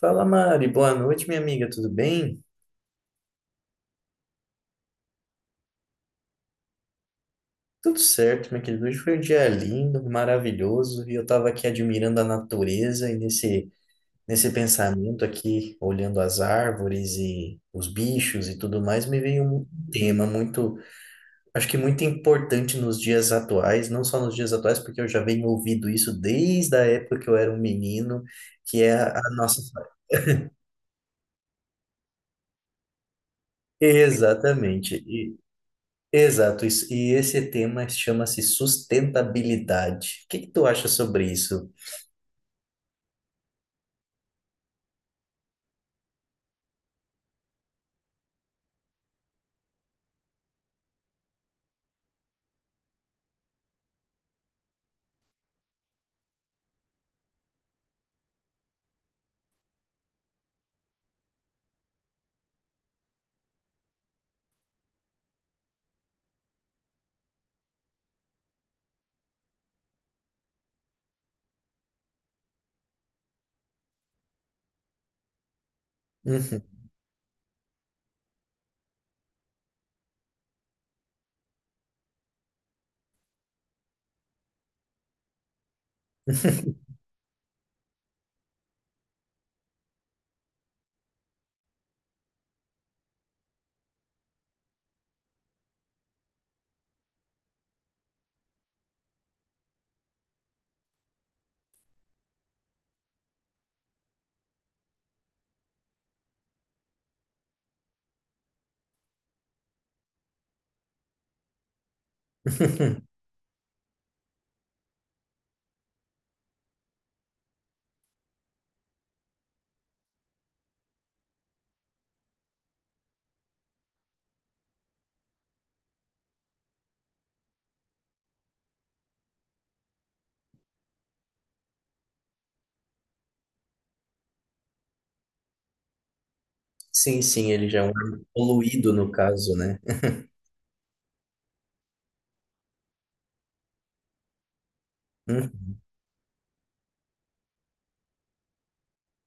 Fala Mari, boa noite minha amiga, tudo bem? Tudo certo, meu querido. Hoje foi um dia lindo, maravilhoso, e eu estava aqui admirando a natureza e nesse pensamento aqui, olhando as árvores e os bichos e tudo mais, me veio um tema muito, acho que muito importante nos dias atuais, não só nos dias atuais, porque eu já venho ouvindo isso desde a época que eu era um menino, que é a nossa. Exatamente. Exato, e esse tema chama-se sustentabilidade. O que que tu acha sobre isso? Uhum. Sim, sim, ele já é um poluído no caso, né? Uhum.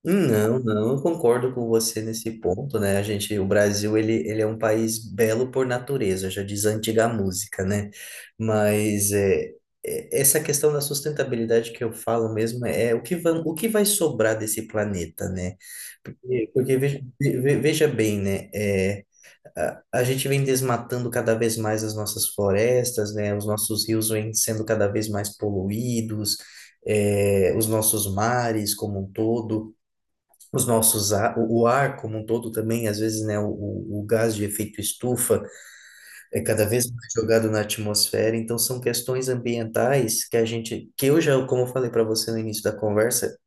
Não, não, eu concordo com você nesse ponto, né? A gente, o Brasil, ele é um país belo por natureza, já diz a antiga música, né? Mas é, essa questão da sustentabilidade que eu falo mesmo é o que vai sobrar desse planeta, né? Porque veja, veja bem, né? É, a gente vem desmatando cada vez mais as nossas florestas, né? Os nossos rios vêm sendo cada vez mais poluídos, é os nossos mares como um todo, os nossos ar, o ar como um todo também, às vezes, né? O gás de efeito estufa é cada vez mais jogado na atmosfera. Então, são questões ambientais que a gente, que eu já, como eu falei para você no início da conversa,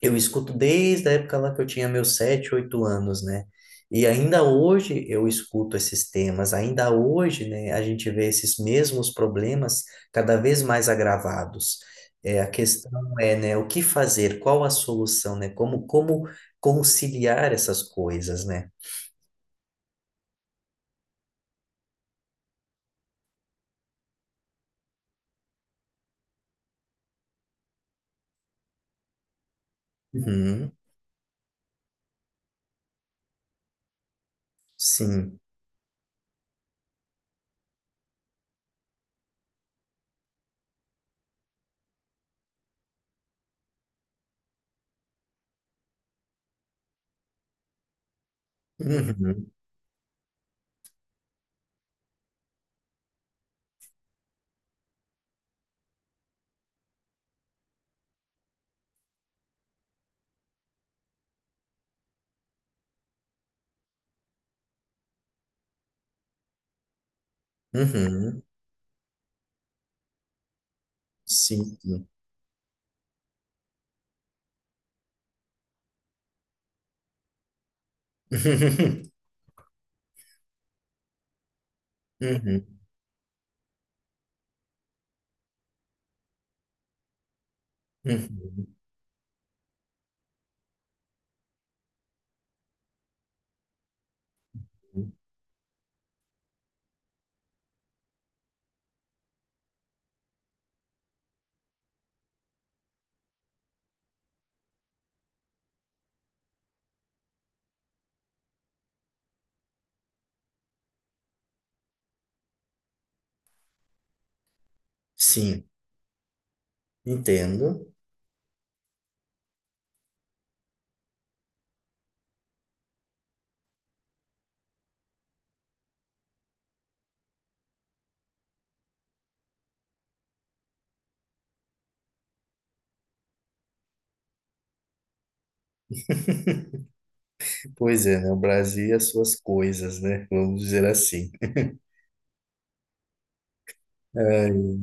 eu escuto desde a época lá que eu tinha meus sete, oito anos, né? E ainda hoje eu escuto esses temas, ainda hoje, né, a gente vê esses mesmos problemas cada vez mais agravados. É, a questão é, né, o que fazer, qual a solução, né? Como conciliar essas coisas, né? Uhum, sim. Uhum, uhum, sim. Sim. Uhum, uhum, uhum. Sim, entendo. Pois é, né? O Brasil e as suas coisas, né? Vamos dizer assim. Ai,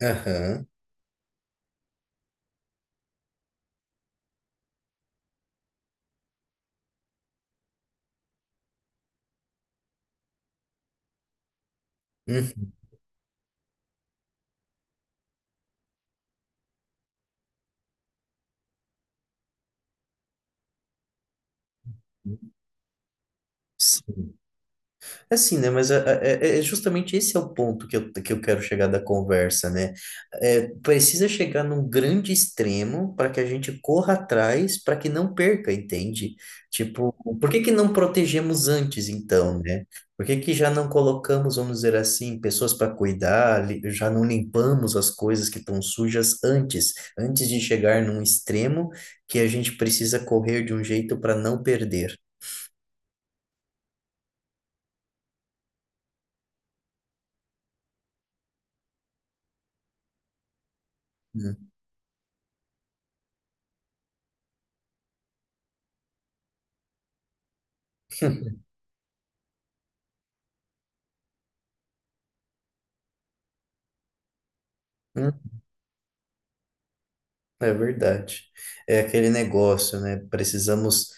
aham. Uhum. Sim. É assim, né? Mas é justamente esse é o ponto que eu quero chegar da conversa, né? É, precisa chegar num grande extremo para que a gente corra atrás, para que não perca, entende? Tipo, por que que não protegemos antes, então, né? Por que que já não colocamos, vamos dizer assim, pessoas para cuidar, já não limpamos as coisas que estão sujas antes, antes de chegar num extremo que a gente precisa correr de um jeito para não perder, né? Hum. É verdade. É aquele negócio, né? Precisamos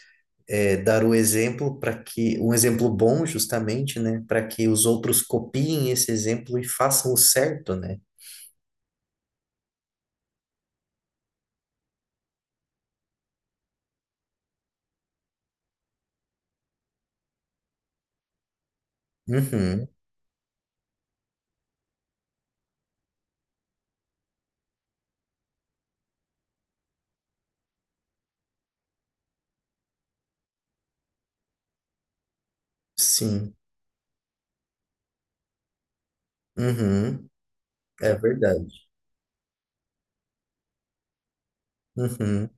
é, dar o exemplo para que, um exemplo bom, justamente, né? Para que os outros copiem esse exemplo e façam o certo, né? Uhum, sim. Uhum, é verdade. Uhum.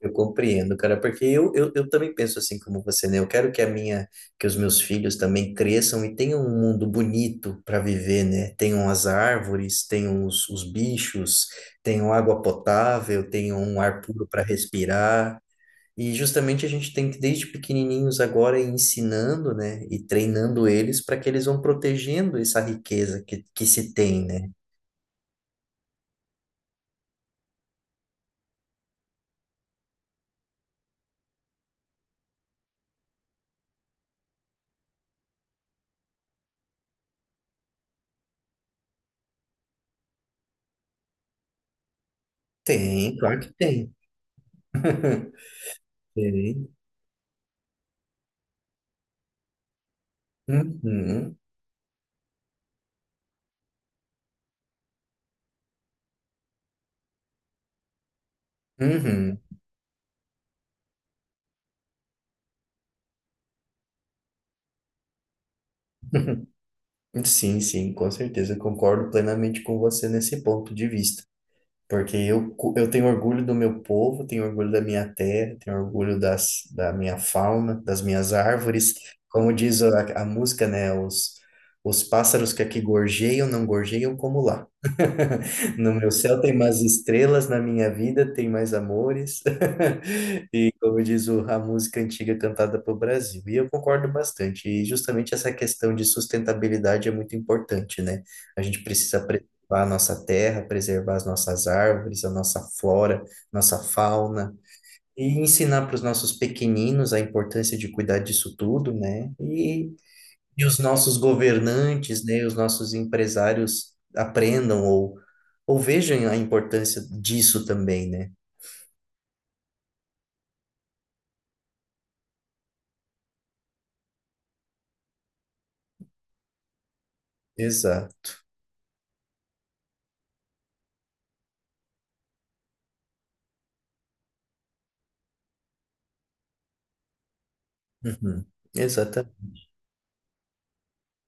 Eu compreendo, cara, porque eu também penso assim como você, né? Eu quero que a minha, que os meus filhos também cresçam e tenham um mundo bonito para viver, né? Tenham as árvores, tenham os bichos, tenham água potável, tenham um ar puro para respirar. E justamente a gente tem que, desde pequenininhos agora, ir ensinando, né? E treinando eles para que eles vão protegendo essa riqueza que se tem, né? Tem, claro que tem. Tem. Uhum. Uhum. Sim, sim, com certeza, concordo plenamente com você nesse ponto de vista. Porque eu tenho orgulho do meu povo, tenho orgulho da minha terra, tenho orgulho das, da minha fauna, das minhas árvores. Como diz a música, né? Os pássaros que aqui gorjeiam, não gorjeiam como lá. No meu céu tem mais estrelas, na minha vida tem mais amores. E como diz a música antiga cantada pelo Brasil. E eu concordo bastante. E justamente essa questão de sustentabilidade é muito importante, né? A gente precisa preservar a nossa terra, preservar as nossas árvores, a nossa flora, nossa fauna, e ensinar para os nossos pequeninos a importância de cuidar disso tudo, né? E os nossos governantes, né, os nossos empresários aprendam ou vejam a importância disso também, né? Exato. Uhum. Exatamente.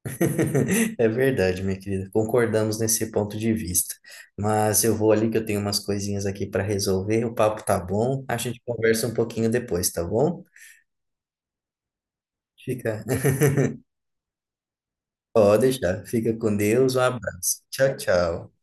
É verdade, minha querida. Concordamos nesse ponto de vista. Mas eu vou ali que eu tenho umas coisinhas aqui para resolver. O papo tá bom. A gente conversa um pouquinho depois, tá bom? Fica, pode deixar. Fica com Deus. Um abraço. Tchau, tchau.